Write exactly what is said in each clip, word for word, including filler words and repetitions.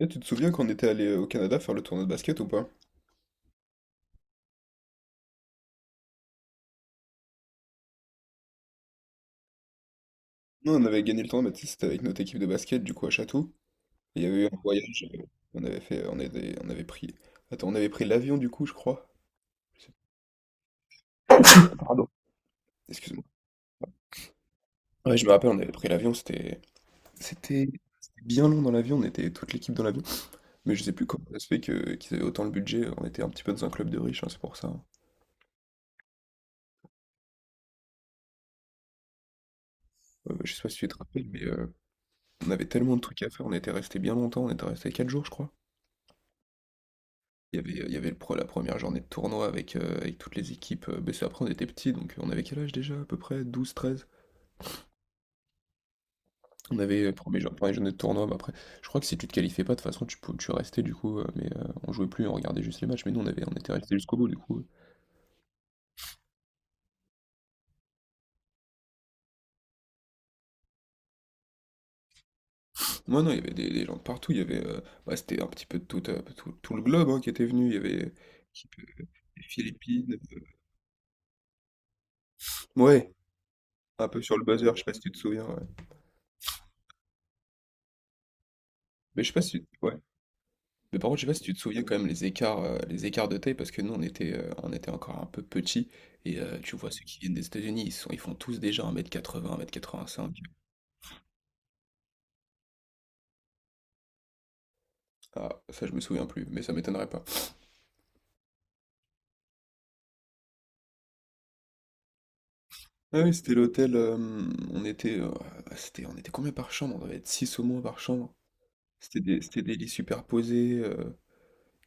Eh, tu te souviens quand on était allé euh, au Canada faire le tournoi de basket ou pas? Non, on avait gagné le tournoi, mais tu sais, c'était avec notre équipe de basket, du coup, à Château. Et il y avait eu un voyage, euh, on avait fait, on avait, on avait pris, attends, on avait pris l'avion, du coup, je crois. Je sais plus. Pardon, excuse-moi. Ouais, je me rappelle, on avait pris l'avion, c'était, c'était, c'était bien long dans l'avion, on était toute l'équipe dans l'avion. Mais je sais plus comment ça se fait que, qu'ils avaient autant le budget, on était un petit peu dans un club de riches, hein, c'est pour ça, hein. Euh, je sais pas si tu te rappelles, mais euh, on avait tellement de trucs à faire, on était resté bien longtemps, on était resté quatre jours, je crois. Il y avait, il y avait le pro- la première journée de tournoi avec, euh, avec toutes les équipes. Euh, bah, c'est après, on était petits, donc on avait quel âge déjà? À peu près douze treize. On avait euh, premier, jour- première journée de tournoi, mais après, je crois que si tu te qualifiais pas, de toute façon, tu, pou- tu restais du coup, euh, mais euh, on jouait plus, on regardait juste les matchs, mais nous, on avait, on était restés jusqu'au bout du coup. Moi, non, il y avait des, des gens de partout, il y avait, euh, bah, c'était un petit peu de tout, euh, tout, tout le globe, hein, qui était venu, il y avait équipe, euh, des Philippines. Ouais, un peu sur le buzzer, je sais pas si tu te souviens, ouais. Mais je sais pas si. Ouais. Mais par contre, je sais pas si tu te souviens quand même les écarts, euh, les écarts de taille, parce que nous, on était, euh, on était encore un peu petits. Et euh, tu vois, ceux qui viennent des États-Unis, ils sont, ils font tous déjà 1 un mètre quatre-vingt-cinq. Ah, ça, je me souviens plus, mais ça m'étonnerait pas. Ah oui, c'était l'hôtel. Euh, on était, euh, c'était, on était combien par chambre? On devait être six au moins par chambre. C'était des, c'était des lits superposés. euh,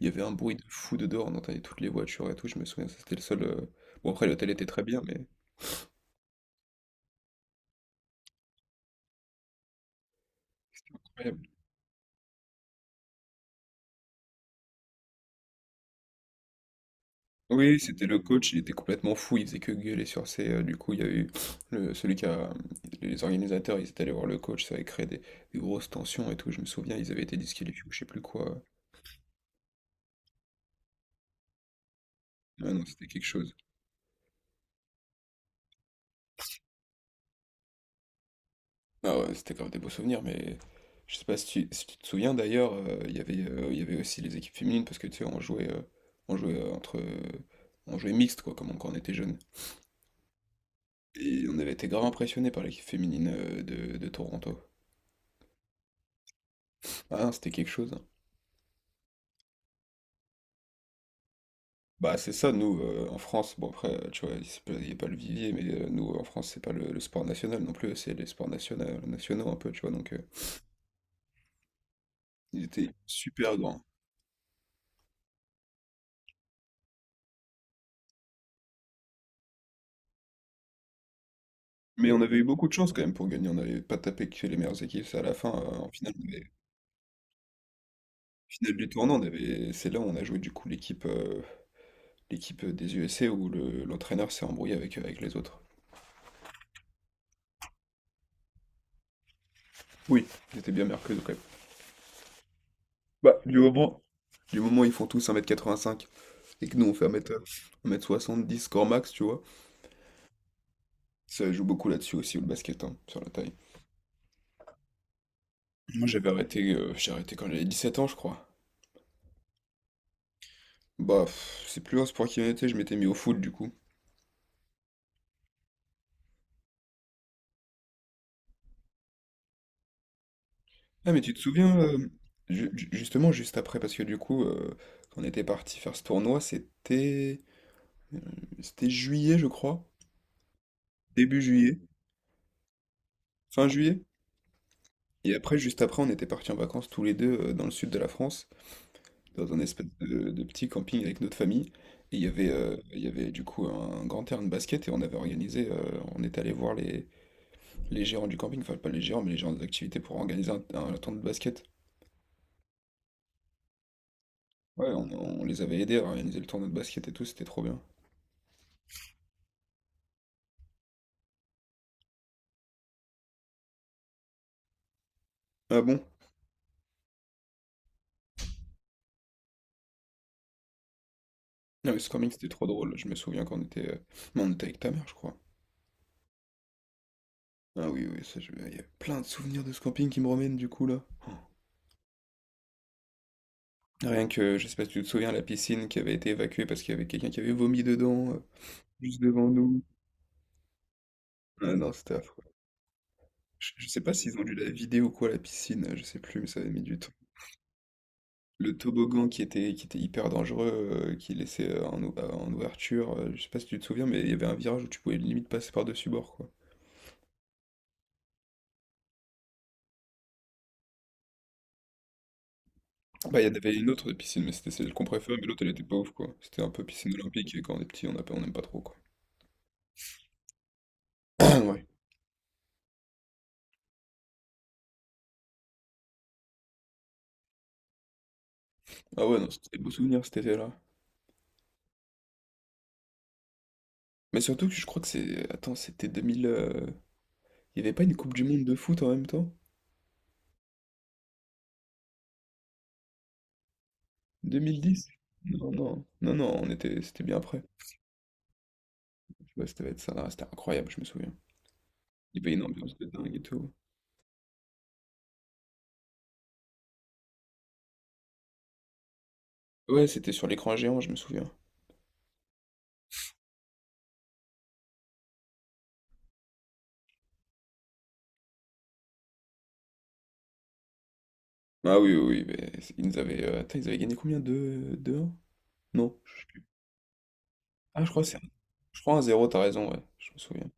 Il y avait un bruit de fou de dehors. On entendait toutes les voitures et tout. Je me souviens, ça, c'était le seul. euh, Bon, après, l'hôtel était très bien, mais. Incroyable. Oui, c'était le coach, il était complètement fou, il faisait que gueuler sur ses... euh, Du coup, il y a eu le, celui qui a... Les organisateurs, ils étaient allés voir le coach, ça avait créé des, des grosses tensions et tout, je me souviens, ils avaient été disqualifiés ou je sais plus quoi. Ah non, c'était quelque chose. Ah ouais, c'était grave des beaux souvenirs, mais je sais pas si tu, si tu te souviens d'ailleurs, euh, il y avait, euh, il y avait aussi les équipes féminines, parce que tu sais, on jouait, euh, on jouait euh, entre... euh, On jouait mixte, quoi, comme quand on était jeune. Et on avait été grave impressionnés par l'équipe féminine euh, de, de Toronto. Ah, c'était quelque chose, hein. Bah, c'est ça, nous, euh, en France, bon après, euh, tu vois, c'est pas- il n'y a pas le vivier, mais euh, nous, en France, c'est pas le, le sport national non plus, c'est les sports nationaux, nationaux un peu, tu vois, donc euh, ils étaient super grands. Mais on avait eu beaucoup de chance quand même pour gagner, on n'avait pas tapé que les meilleures équipes, c'est à la fin, euh, en finale, on avait- finale du tournoi, on avait, c'est là où on a joué du coup l'équipe euh, l'équipe des U S A où le- l'entraîneur s'est embrouillé avec, euh, avec les autres. Oui, ils étaient bien mercredi quand même. Bah, du moment, du moment où ils font tous un mètre quatre-vingt-cinq et que nous on fait un mètre, un mètre soixante-dix score max, tu vois. Ça joue beaucoup là-dessus aussi, le basket, hein, sur la taille. Moi, j'avais arrêté, euh, j'ai arrêté quand j'avais dix-sept ans, je crois. Bah, pff, c'est plus un sport qui m'était, je m'étais mis au foot, du coup. Ah, mais tu te souviens, euh, ju- ju- justement, juste après, parce que du coup, euh, quand on était parti faire ce tournoi, c'était... euh, c'était juillet, je crois. Début juillet. Fin juillet. Et après, juste après, on était parti en vacances tous les deux euh, dans le sud de la France. Dans un espèce de, de petit camping avec notre famille. Et il y avait, euh, il y avait du coup un grand terrain de basket et on avait organisé, euh, on est allé voir les, les gérants du camping, enfin pas les gérants, mais les gérants des activités pour organiser un, un tournoi de basket. Ouais, on, on les avait aidés à organiser le tournoi de basket et tout, c'était trop bien. Ah bon? Non, mais ce camping c'était trop drôle, je me souviens qu'on était, euh, mais on était avec ta mère, je crois. Ah oui, oui, ça, je... il y a plein de souvenirs de ce camping qui me remènent du coup là. Oh. Rien que, je sais pas si tu te souviens, la piscine qui avait été évacuée parce qu'il y avait quelqu'un qui avait vomi dedans, euh, juste devant nous. Ah non, c'était affreux. Je, je sais pas s'ils ont dû la vider ou quoi, la piscine, je sais plus, mais ça avait mis du temps. Le toboggan qui était, qui était hyper dangereux, euh, qui laissait euh, en, ou- euh, en ouverture, euh, je sais pas si tu te souviens, mais il y avait un virage où tu pouvais limite passer par-dessus bord, quoi. Bah, il y en avait une autre piscine, mais c'était celle qu'on préfère, mais l'autre, elle était pas ouf, quoi. C'était un peu piscine olympique, et quand on est petit, on a, pas- on aime pas trop, quoi. Ouais. Ah ouais, non, c'était des beaux souvenirs, cet été-là. Mais surtout que je crois que c'est... Attends, c'était deux mille... euh, Il y avait pas une Coupe du Monde de foot en même temps? deux mille dix? Non, non, non, non, on était... C'était bien après. Ouais, ça va être ça, là, c'était incroyable, je me souviens. Il y avait une ambiance de dingue et tout. Ouais, c'était sur l'écran géant, je me souviens. Ah oui, oui, oui, mais c'est- ils nous avaient, euh, attends, ils avaient gagné combien? Deux deux un. Non, je sais plus. Ah, je crois que c'est, un- je crois un zéro, t'as raison, ouais, je me souviens.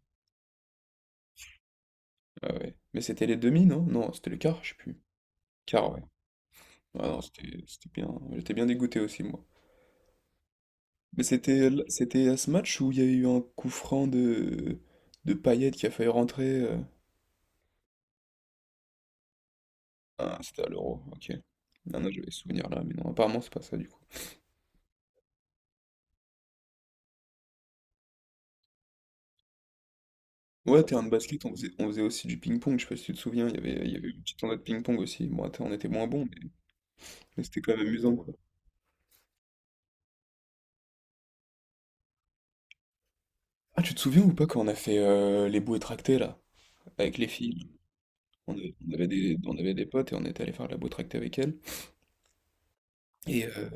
Ah ouais. Mais c'était les demi, non? Non, c'était le quart, je sais plus. Quart, ouais. Ah non, c'était, c'était bien, j'étais bien dégoûté aussi, moi. Mais c'était, l- c'était à ce match où il y a eu un coup franc de, de Payet qui a failli rentrer. euh. Ah, c'était à l'Euro, ok. Non, non, j'avais ce souvenir là, mais non, apparemment c'est pas ça du coup. Ouais, terrain de basket, on faisait, on faisait aussi du ping-pong, je sais pas si tu te souviens, il y avait, il y avait une petite tournoi de ping-pong aussi. Bon, attends, on était moins bons, mais, mais c'était quand même amusant, quoi. Ah, tu te souviens ou pas quand on a fait euh, les bouées tractées, là, avec les filles? On avait, on avait des, on avait des potes et on était allé faire la bouée tractée avec elles. Et euh,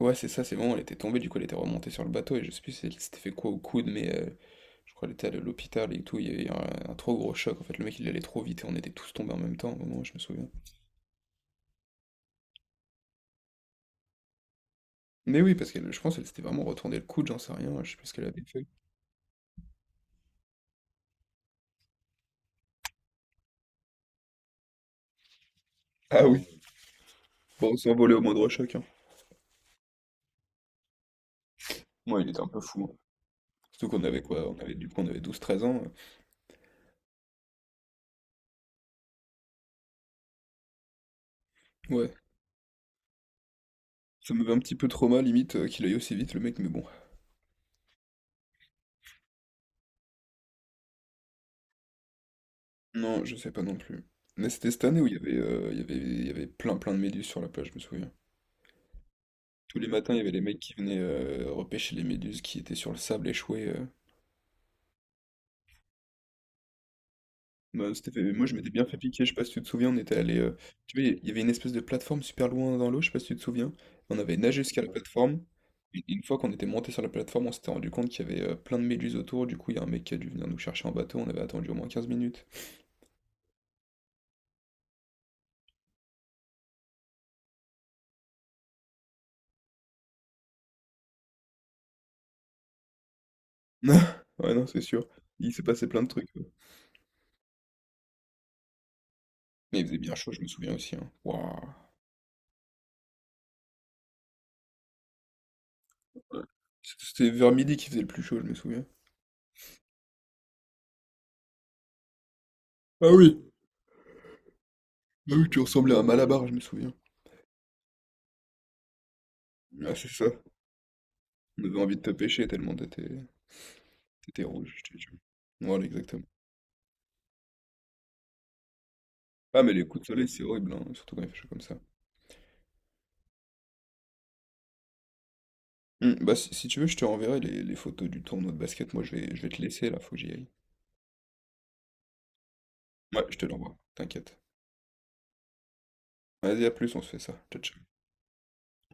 ouais, c'est ça, c'est bon, elle était tombée, du coup, elle était remontée sur le bateau et je sais plus si elle s'était fait quoi au coude, mais euh, je crois qu'elle était allée à l'hôpital et tout, il y avait eu un, un trop gros choc. En fait, le mec, il allait trop vite et on était tous tombés en même temps, au moment où je me souviens. Mais oui, parce que je pense qu'elle s'était vraiment retournée le coude, j'en sais rien, je sais plus ce qu'elle avait fait. Ah oui. Bon, s'envoler au moindre choc, hein. Moi, il était un peu fou, hein. Surtout qu'on avait quoi? On avait du coup on avait douze, treize ans. euh. Ouais. Ça me fait un petit peu trauma limite euh, qu'il aille aussi vite le mec, mais bon. Non, je sais pas non plus. Mais c'était cette année où il y avait, euh, il y avait, il y avait plein plein de méduses sur la plage, je me souviens. Tous les matins, il y avait les mecs qui venaient euh, repêcher les méduses qui étaient sur le sable échouées. euh. Bah, c'était fait- moi je m'étais bien fait piquer, je sais pas si tu te souviens, on était allé. Euh, tu vois, il y avait une espèce de plateforme super loin dans l'eau, je sais pas si tu te souviens. On avait nagé jusqu'à la plateforme. Et une fois qu'on était monté sur la plateforme, on s'était rendu compte qu'il y avait euh, plein de méduses autour. Du coup, il y a un mec qui a dû venir nous chercher en bateau, on avait attendu au moins quinze minutes. Ouais, non, c'est sûr. Il s'est passé plein de trucs, ouais. Mais il faisait bien chaud, je me souviens aussi, hein. Waouh. Ouais. C'était vers midi qu'il faisait le plus chaud, je me souviens. Ah oui, ah oui, tu ressemblais à un malabar, je me souviens. Ah, c'est ça. On avait envie de te pêcher tellement t'étais. C'était rouge, je te jure. Voilà, exactement. Ah, mais les coups de soleil, c'est horrible, hein, surtout quand il fait chaud comme ça. Hmm, bah, si, si tu veux, je te renverrai les, les photos du tournoi de basket. Moi, je vais, je vais te laisser là, faut que j'y aille. Ouais, je te l'envoie, t'inquiète. Vas-y, à plus, on se fait ça. Ciao, ciao.